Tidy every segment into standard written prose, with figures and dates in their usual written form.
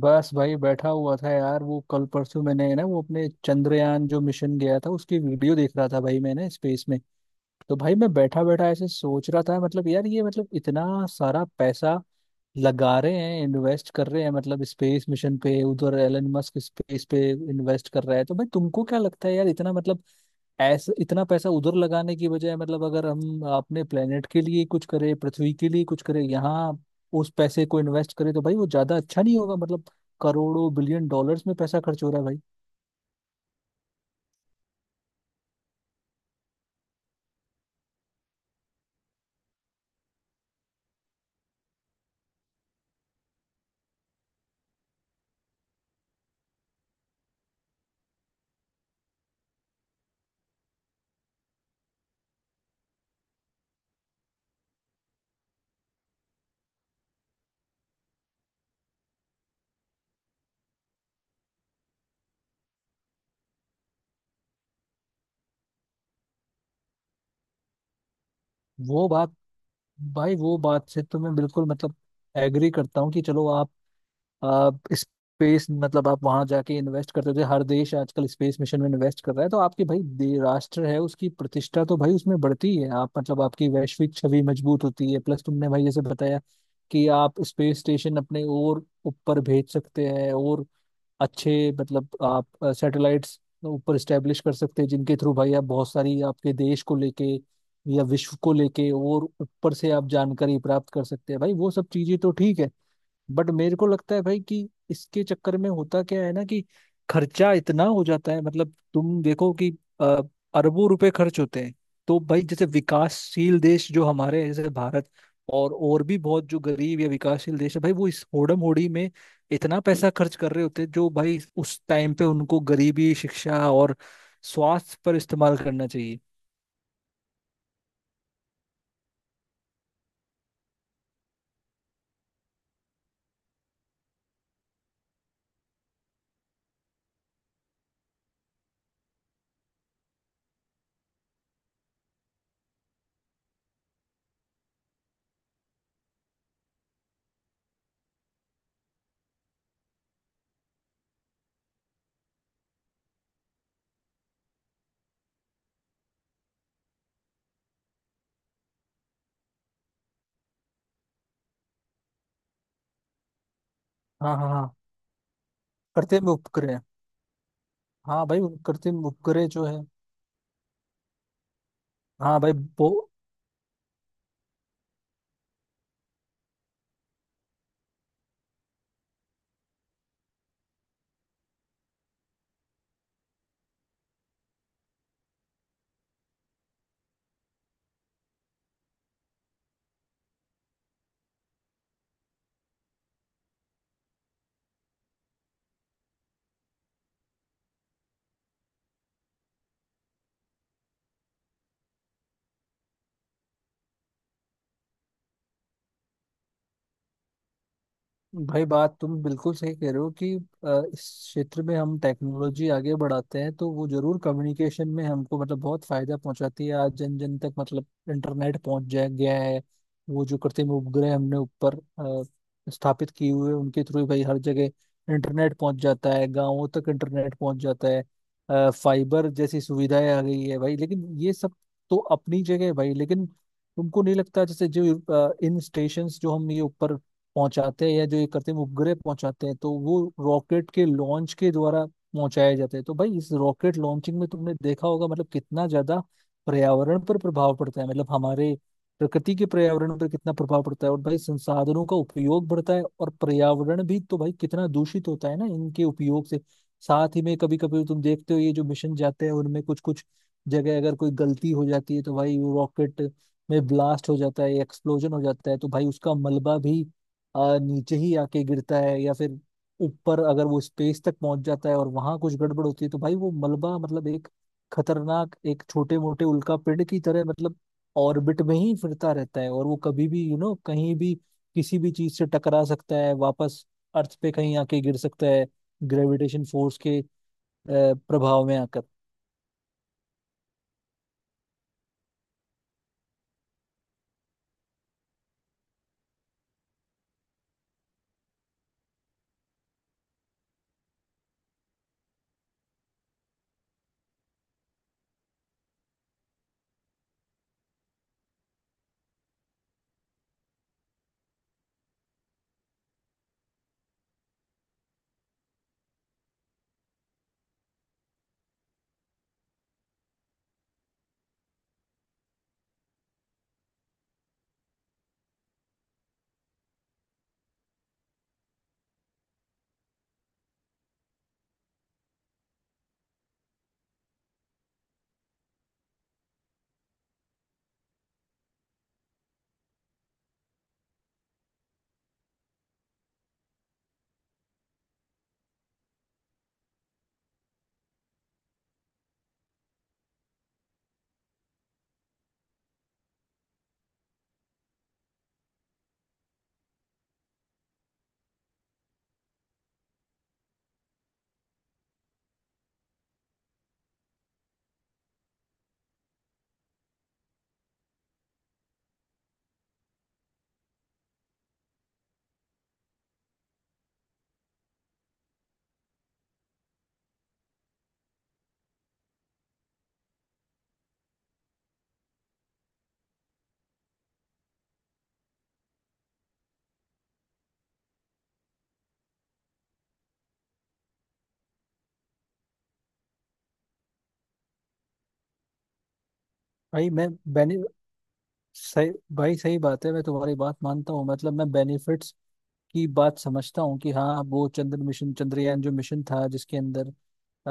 बस भाई बैठा हुआ था यार। वो कल परसों मैंने है ना, वो अपने चंद्रयान जो मिशन गया था उसकी वीडियो देख रहा था भाई मैंने स्पेस में। तो भाई मैं बैठा बैठा ऐसे सोच रहा था, मतलब यार ये मतलब इतना सारा पैसा लगा रहे हैं, इन्वेस्ट कर रहे हैं, मतलब स्पेस मिशन पे, उधर एलन मस्क स्पेस पे इन्वेस्ट कर रहा है। तो भाई तुमको क्या लगता है यार, इतना मतलब ऐसा इतना पैसा उधर लगाने की बजाय, मतलब अगर हम अपने प्लेनेट के लिए कुछ करें, पृथ्वी के लिए कुछ करें, यहाँ उस पैसे को इन्वेस्ट करें तो भाई वो ज्यादा अच्छा नहीं होगा मतलब? करोड़ों बिलियन डॉलर्स में पैसा खर्च हो रहा है भाई। वो बात, भाई वो बात से तो मैं बिल्कुल मतलब एग्री करता हूँ कि चलो आप स्पेस मतलब आप वहां जाके इन्वेस्ट करते थे, हर देश आजकल स्पेस मिशन में इन्वेस्ट कर रहा है तो आपकी भाई राष्ट्र है उसकी प्रतिष्ठा तो भाई उसमें बढ़ती है, आप मतलब आपकी वैश्विक छवि मजबूत होती है। प्लस तुमने भाई जैसे बताया कि आप स्पेस स्टेशन अपने और ऊपर भेज सकते हैं और अच्छे मतलब आप सैटेलाइट्स ऊपर स्टेब्लिश कर सकते हैं, जिनके थ्रू भाई आप बहुत सारी आपके देश को लेके या विश्व को लेके और ऊपर से आप जानकारी प्राप्त कर सकते हैं। भाई वो सब चीजें तो ठीक है बट मेरे को लगता है भाई कि इसके चक्कर में होता क्या है ना कि खर्चा इतना हो जाता है। मतलब तुम देखो कि अ, अरबों रुपए खर्च होते हैं। तो भाई जैसे विकासशील देश जो हमारे हैं, जैसे भारत और भी बहुत जो गरीब या विकासशील देश है भाई वो इस होड़म होड़ी में इतना पैसा खर्च कर रहे होते हैं, जो भाई उस टाइम पे उनको गरीबी, शिक्षा और स्वास्थ्य पर इस्तेमाल करना चाहिए। हाँ हाँ हाँ। कृत्रिम उपग्रह। हाँ भाई उन कृत्रिम उपग्रह जो है। हाँ भाई वो। भाई बात तुम बिल्कुल सही कह रहे हो कि इस क्षेत्र में हम टेक्नोलॉजी आगे बढ़ाते हैं तो वो जरूर कम्युनिकेशन में हमको मतलब बहुत फायदा पहुंचाती है। आज जन जन तक मतलब इंटरनेट पहुंच जा गया है। वो जो कृत्रिम उपग्रह हमने ऊपर स्थापित किए हुए हैं, उनके थ्रू भाई हर जगह इंटरनेट पहुंच जाता है, गाँवों तक इंटरनेट पहुंच जाता है। फाइबर जैसी सुविधाएं आ गई है भाई। लेकिन ये सब तो अपनी जगह है भाई, लेकिन तुमको नहीं लगता जैसे जो इन स्टेशंस जो हम ये ऊपर पहुंचाते हैं या जो ये करते हैं वो उपग्रह पहुंचाते हैं तो वो रॉकेट के लॉन्च के द्वारा पहुंचाए जाते हैं, तो भाई इस रॉकेट लॉन्चिंग में तुमने देखा होगा मतलब कितना ज्यादा पर्यावरण पर प्रभाव पड़ता है। मतलब हमारे प्रकृति के पर्यावरण पर कितना प्रभाव पड़ता है और भाई संसाधनों का उपयोग बढ़ता है, और पर्यावरण भी तो भाई कितना दूषित होता है ना इनके उपयोग से। साथ ही में कभी कभी तुम देखते हो ये जो मिशन जाते हैं उनमें कुछ कुछ जगह अगर कोई गलती हो जाती है तो भाई वो रॉकेट में ब्लास्ट हो जाता है, एक्सप्लोजन हो जाता है, तो भाई उसका मलबा भी नीचे ही आके गिरता है या फिर ऊपर अगर वो स्पेस तक पहुंच जाता है और वहां कुछ गड़बड़ होती है तो भाई वो मलबा मतलब एक खतरनाक एक छोटे मोटे उल्का पिंड की तरह मतलब ऑर्बिट में ही फिरता रहता है और वो कभी भी कहीं भी किसी भी चीज से टकरा सकता है, वापस अर्थ पे कहीं आके गिर सकता है ग्रेविटेशन फोर्स के प्रभाव में आकर। भाई मैं बेनि सही भाई सही बात है, मैं तुम्हारी बात मानता हूँ, मतलब मैं बेनिफिट्स की बात समझता हूँ कि हाँ वो चंद्र मिशन, चंद्रयान जो मिशन था जिसके अंदर अ,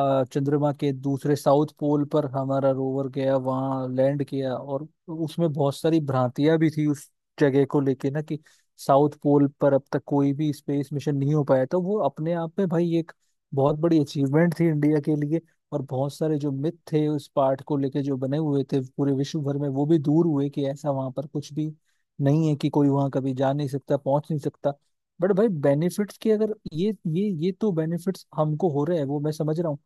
चंद्रमा के दूसरे साउथ पोल पर हमारा रोवर गया, वहाँ लैंड किया, और उसमें बहुत सारी भ्रांतियां भी थी उस जगह को लेके ना, कि साउथ पोल पर अब तक कोई भी स्पेस मिशन नहीं हो पाया, तो वो अपने आप में भाई एक बहुत बड़ी अचीवमेंट थी इंडिया के लिए। और बहुत सारे जो मिथ थे उस पार्ट को लेके जो बने हुए थे पूरे विश्व भर में, वो भी दूर हुए कि ऐसा वहां पर कुछ भी नहीं है, कि कोई वहां कभी जा नहीं सकता, पहुंच नहीं सकता। बट भाई बेनिफिट्स की अगर, ये तो बेनिफिट्स हमको हो रहे हैं वो मैं समझ रहा हूँ,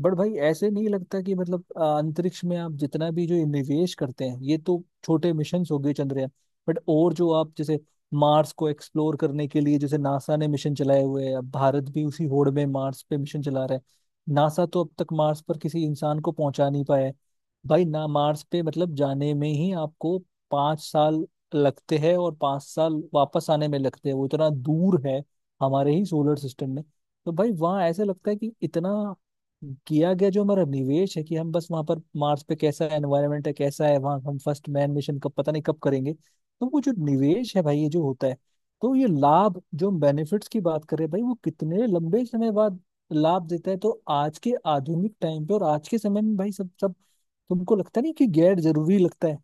बट भाई ऐसे नहीं लगता कि मतलब अंतरिक्ष में आप जितना भी जो निवेश करते हैं, ये तो छोटे मिशन हो गए चंद्रयान, बट और जो आप जैसे मार्स को एक्सप्लोर करने के लिए जैसे नासा ने मिशन चलाए हुए हैं, अब भारत भी उसी होड़ में मार्स पे मिशन चला रहा है। नासा तो अब तक मार्स पर किसी इंसान को पहुंचा नहीं पाया है भाई। ना मार्स पे मतलब जाने में ही आपको 5 साल लगते हैं और 5 साल वापस आने में लगते हैं, वो इतना दूर है हमारे ही सोलर सिस्टम में। तो भाई वहाँ ऐसा लगता है कि इतना किया गया जो हमारा निवेश है, कि हम बस वहां पर मार्स पे कैसा एनवायरनमेंट है, कैसा है वहां, हम फर्स्ट मैन मिशन कब पता नहीं कब करेंगे, तो वो जो निवेश है भाई, ये जो होता है, तो ये लाभ जो हम बेनिफिट्स की बात कर रहे हैं भाई वो कितने लंबे समय बाद लाभ देता है। तो आज के आधुनिक टाइम पे और आज के समय में भाई सब सब तुमको लगता नहीं कि गैर जरूरी लगता है?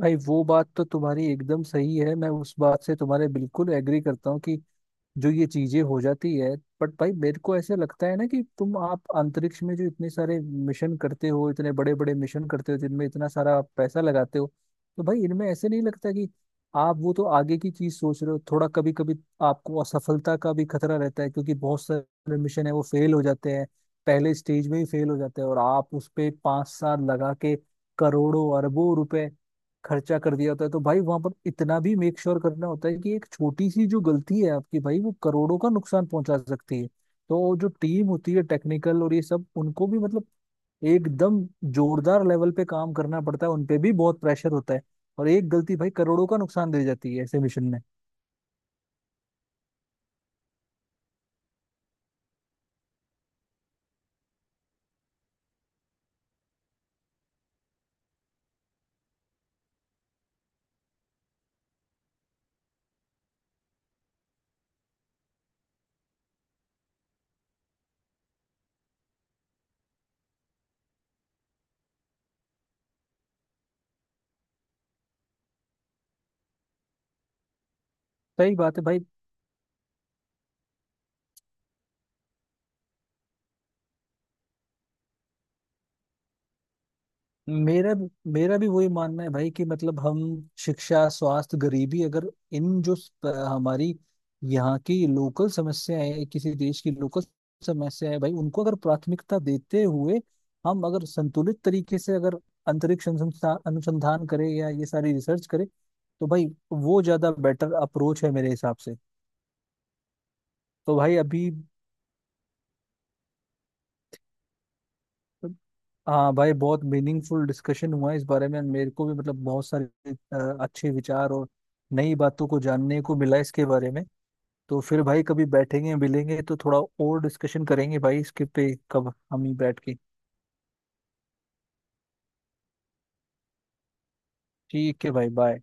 भाई वो बात तो तुम्हारी एकदम सही है, मैं उस बात से तुम्हारे बिल्कुल एग्री करता हूँ कि जो ये चीजें हो जाती है, बट भाई मेरे को ऐसे लगता है ना कि तुम आप अंतरिक्ष में जो इतने सारे मिशन करते हो, इतने बड़े बड़े मिशन करते हो जिनमें इतना सारा आप पैसा लगाते हो, तो भाई इनमें ऐसे नहीं लगता कि आप वो तो आगे की चीज सोच रहे हो थोड़ा, कभी कभी आपको असफलता का भी खतरा रहता है क्योंकि बहुत सारे मिशन है वो फेल हो जाते हैं, पहले स्टेज में ही फेल हो जाते हैं, और आप उस पे 5 साल लगा के करोड़ों अरबों रुपए खर्चा कर दिया होता है। तो भाई वहां पर इतना भी मेक श्योर करना होता है कि एक छोटी सी जो गलती है आपकी भाई वो करोड़ों का नुकसान पहुंचा सकती है। तो जो टीम होती है टेक्निकल और ये सब, उनको भी मतलब एकदम जोरदार लेवल पे काम करना पड़ता है, उनपे भी बहुत प्रेशर होता है, और एक गलती भाई करोड़ों का नुकसान दे जाती है ऐसे मिशन में। सही बात है भाई। मेरा मेरा भी वही मानना है भाई कि मतलब हम शिक्षा, स्वास्थ्य, गरीबी, अगर इन जो हमारी यहाँ की लोकल समस्याएं हैं, किसी देश की लोकल समस्याएं हैं, भाई उनको अगर प्राथमिकता देते हुए हम अगर संतुलित तरीके से अगर अंतरिक्ष अनुसंधान अनुसंधान करें या ये सारी रिसर्च करें, तो भाई वो ज्यादा बेटर अप्रोच है मेरे हिसाब से। तो भाई अभी। हाँ भाई, बहुत मीनिंगफुल डिस्कशन हुआ इस बारे में, मेरे को भी मतलब बहुत सारे अच्छे विचार और नई बातों को जानने को मिला इसके बारे में। तो फिर भाई कभी बैठेंगे मिलेंगे तो थोड़ा और डिस्कशन करेंगे भाई इसके पे, कब हम ही बैठ के। ठीक है भाई, बाय।